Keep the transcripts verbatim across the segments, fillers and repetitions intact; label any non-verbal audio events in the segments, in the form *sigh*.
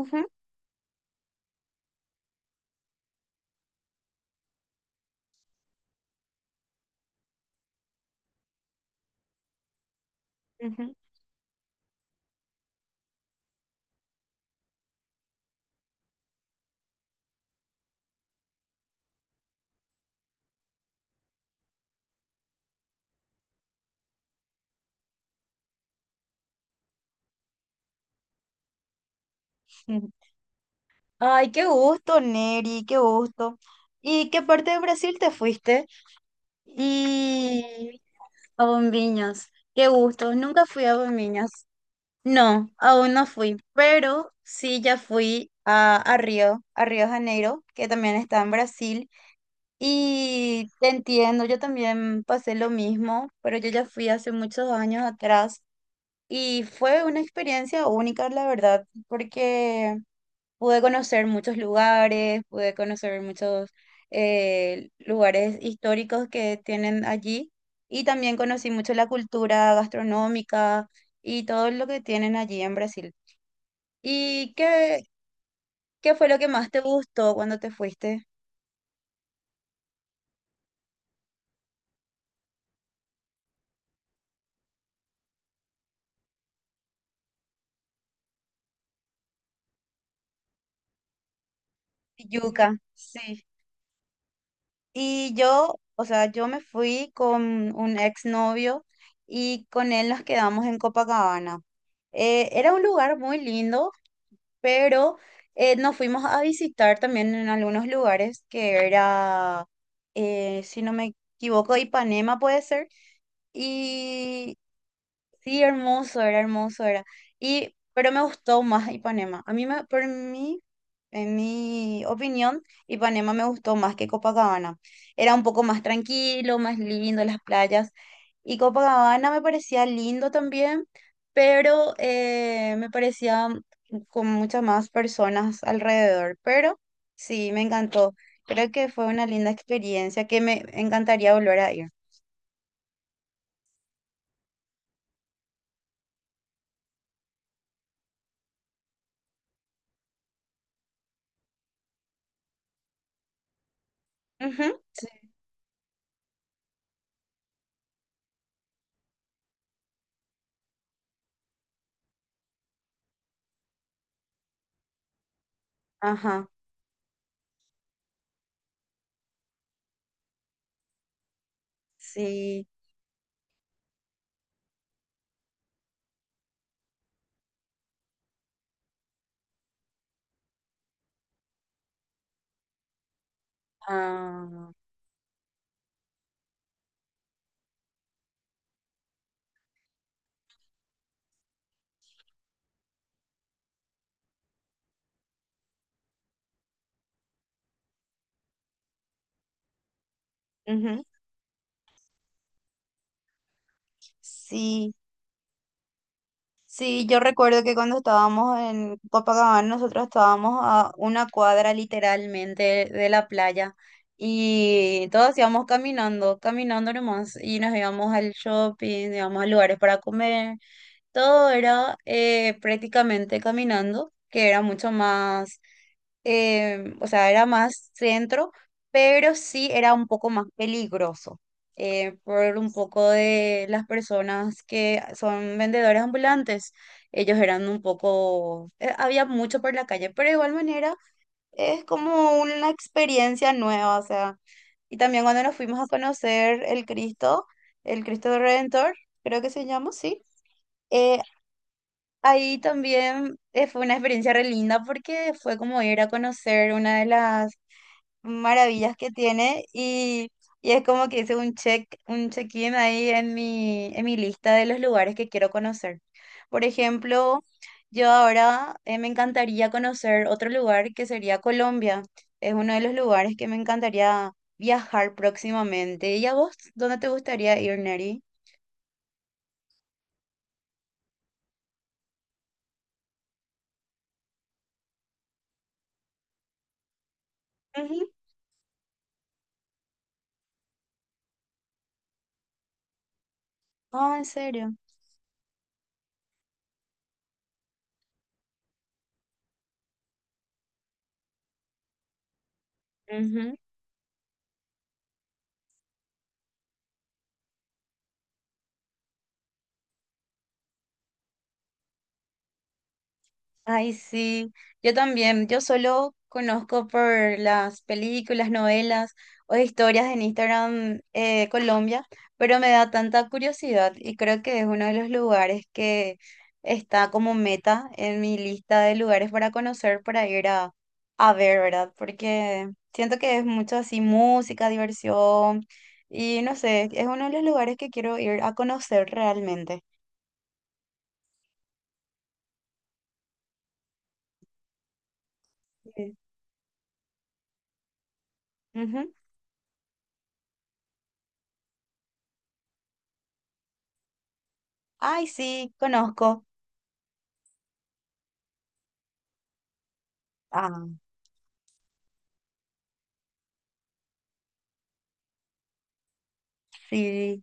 Ujú, ujú, ujú. Ay, qué gusto, Neri, qué gusto. ¿Y qué parte de Brasil te fuiste? Y a Bombiños, qué gusto. Nunca fui a Bombiños. No, aún no fui, pero sí ya fui a, a Río, a Río de Janeiro, que también está en Brasil. Y te entiendo, yo también pasé lo mismo, pero yo ya fui hace muchos años atrás y fue una experiencia única, la verdad, porque pude conocer muchos lugares, pude conocer muchos eh, lugares históricos que tienen allí, y también conocí mucho la cultura gastronómica y todo lo que tienen allí en Brasil. ¿Y qué, ¿qué fue lo que más te gustó cuando te fuiste? Yuca, sí. Y yo, o sea, yo me fui con un exnovio y con él nos quedamos en Copacabana. Eh, era un lugar muy lindo, pero eh, nos fuimos a visitar también en algunos lugares que era, eh, si no me equivoco, Ipanema puede ser, y sí, hermoso era, hermoso era. Y, pero me gustó más Ipanema. A mí, me, por mí, en mi opinión, Ipanema me gustó más que Copacabana. Era un poco más tranquilo, más lindo las playas. Y Copacabana me parecía lindo también, pero eh, me parecía con muchas más personas alrededor. Pero sí, me encantó. Creo que fue una linda experiencia que me encantaría volver a ir. Ujú. Ajá, sí. Ah. Ujú. Sí, sí, yo recuerdo que cuando estábamos en Copacabana, nosotros estábamos a una cuadra literalmente de la playa y todos íbamos caminando, caminando nomás y nos íbamos al shopping, íbamos a lugares para comer. Todo era eh, prácticamente caminando, que era mucho más, eh, o sea, era más centro, pero sí era un poco más peligroso, eh, por un poco de las personas que son vendedores ambulantes. Ellos eran un poco, eh, había mucho por la calle, pero de igual manera es como una experiencia nueva, o sea, y también cuando nos fuimos a conocer el Cristo, el Cristo Redentor, creo que se llama, sí. Eh, Ahí también eh, fue una experiencia re linda porque fue como ir a conocer una de las maravillas que tiene, y, y es como que hice un check, un check-in ahí en mi, en mi lista de los lugares que quiero conocer. Por ejemplo, yo ahora eh, me encantaría conocer otro lugar que sería Colombia. Es uno de los lugares que me encantaría viajar próximamente. ¿Y a vos? ¿Dónde te gustaría ir, Neri? Ujú. Ah, ¿en serio? Ay, sí, yo también, yo solo conozco por las películas, novelas o historias en Instagram, eh, Colombia, pero me da tanta curiosidad y creo que es uno de los lugares que está como meta en mi lista de lugares para conocer, para ir a, a ver, ¿verdad? Porque siento que es mucho así música, diversión y no sé, es uno de los lugares que quiero ir a conocer realmente. Sí. Ujú. Ay, sí, conozco. Ah. Sí,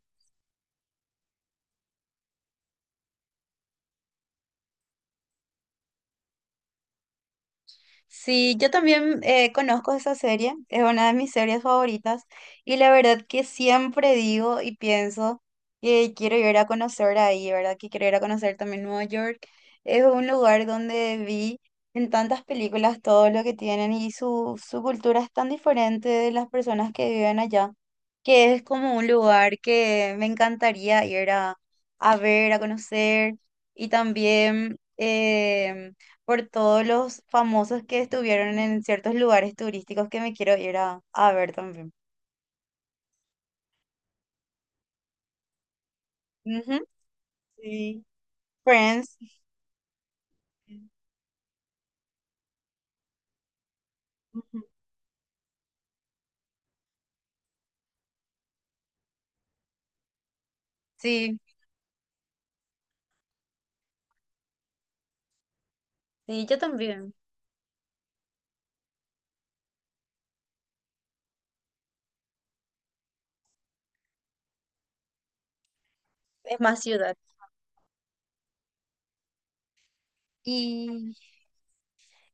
sí, yo también eh, conozco esa serie, es una de mis series favoritas y la verdad que siempre digo y pienso que quiero ir a conocer ahí, ¿verdad? Que quiero ir a conocer también Nueva York. Es un lugar donde vi en tantas películas todo lo que tienen y su, su cultura es tan diferente de las personas que viven allá, que es como un lugar que me encantaría ir a, a ver, a conocer y también... em, por todos los famosos que estuvieron en ciertos lugares turísticos que me quiero ir a, a ver también. Ujú. Sí. Friends. Ujú. Sí. Sí, yo también. Es más ciudad. y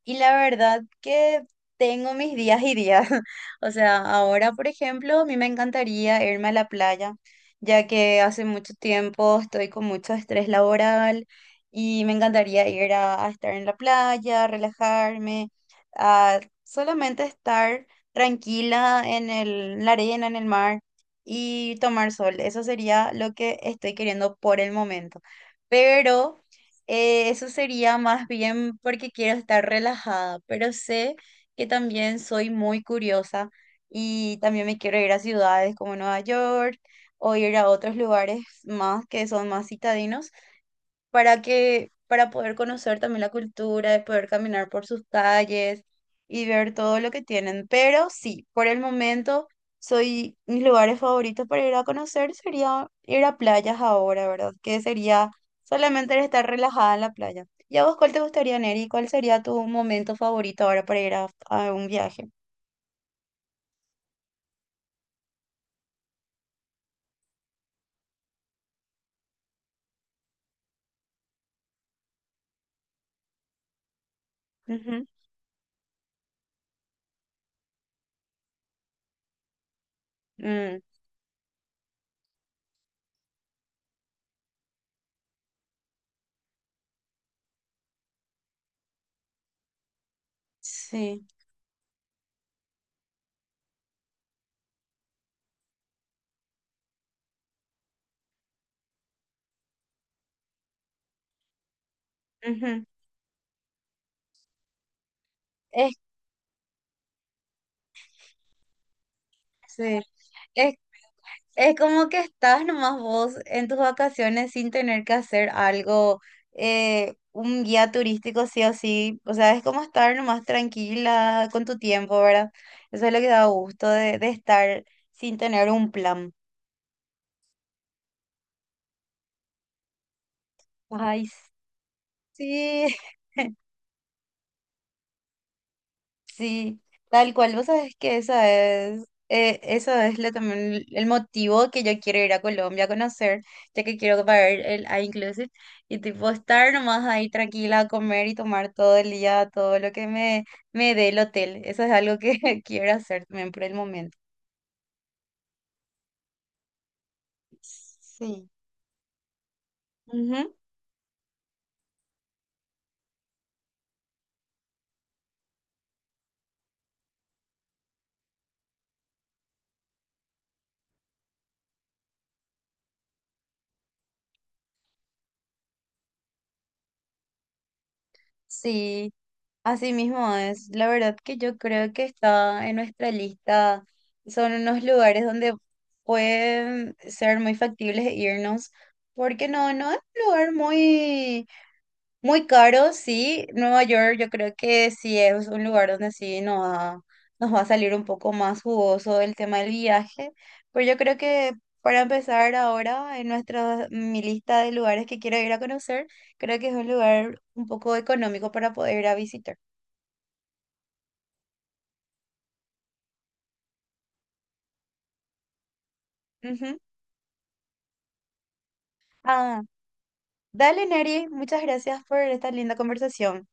Y la verdad que tengo mis días y días. *laughs* O sea, ahora, por ejemplo, a mí me encantaría irme a la playa, ya que hace mucho tiempo estoy con mucho estrés laboral y me encantaría ir a, a estar en la playa, relajarme, a solamente estar tranquila en el, en la arena, en el mar y tomar sol. Eso sería lo que estoy queriendo por el momento. Pero eh, eso sería más bien porque quiero estar relajada, pero sé que también soy muy curiosa y también me quiero ir a ciudades como Nueva York o ir a otros lugares más que son más citadinos para que, para poder conocer también la cultura, de poder caminar por sus calles y ver todo lo que tienen. Pero sí, por el momento, soy, mis lugares favoritos para ir a conocer sería ir a playas ahora, ¿verdad? Que sería solamente el estar relajada en la playa. ¿Y a vos cuál te gustaría, Neri? ¿Cuál sería tu momento favorito ahora para ir a, a un viaje? Ujú. Mm, sí. Ujú. Es, sí. Es. Es como que estás nomás vos en tus vacaciones sin tener que hacer algo, eh, un guía turístico sí o sí. O sea, es como estar nomás tranquila con tu tiempo, ¿verdad? Eso es lo que da gusto de, de estar sin tener un plan. Ay, sí. Sí, tal cual. Vos sabés que esa es, eh, eso es lo, también el motivo que yo quiero ir a Colombia a conocer, ya que quiero pagar el inclusive y tipo estar nomás ahí tranquila a comer y tomar todo el día, todo lo que me, me dé el hotel. Eso es algo que *laughs* quiero hacer también por el momento. Sí. Ujú. Sí. Así mismo es, la verdad que yo creo que está en nuestra lista, son unos lugares donde pueden ser muy factibles e irnos, porque no, no es un lugar muy, muy caro, sí, Nueva York yo creo que sí es un lugar donde sí nos va, nos va a salir un poco más jugoso el tema del viaje, pero yo creo que para empezar ahora en nuestra, mi lista de lugares que quiero ir a conocer, creo que es un lugar un poco económico para poder ir a visitar. Ujú. Ah, dale, Neri, muchas gracias por esta linda conversación.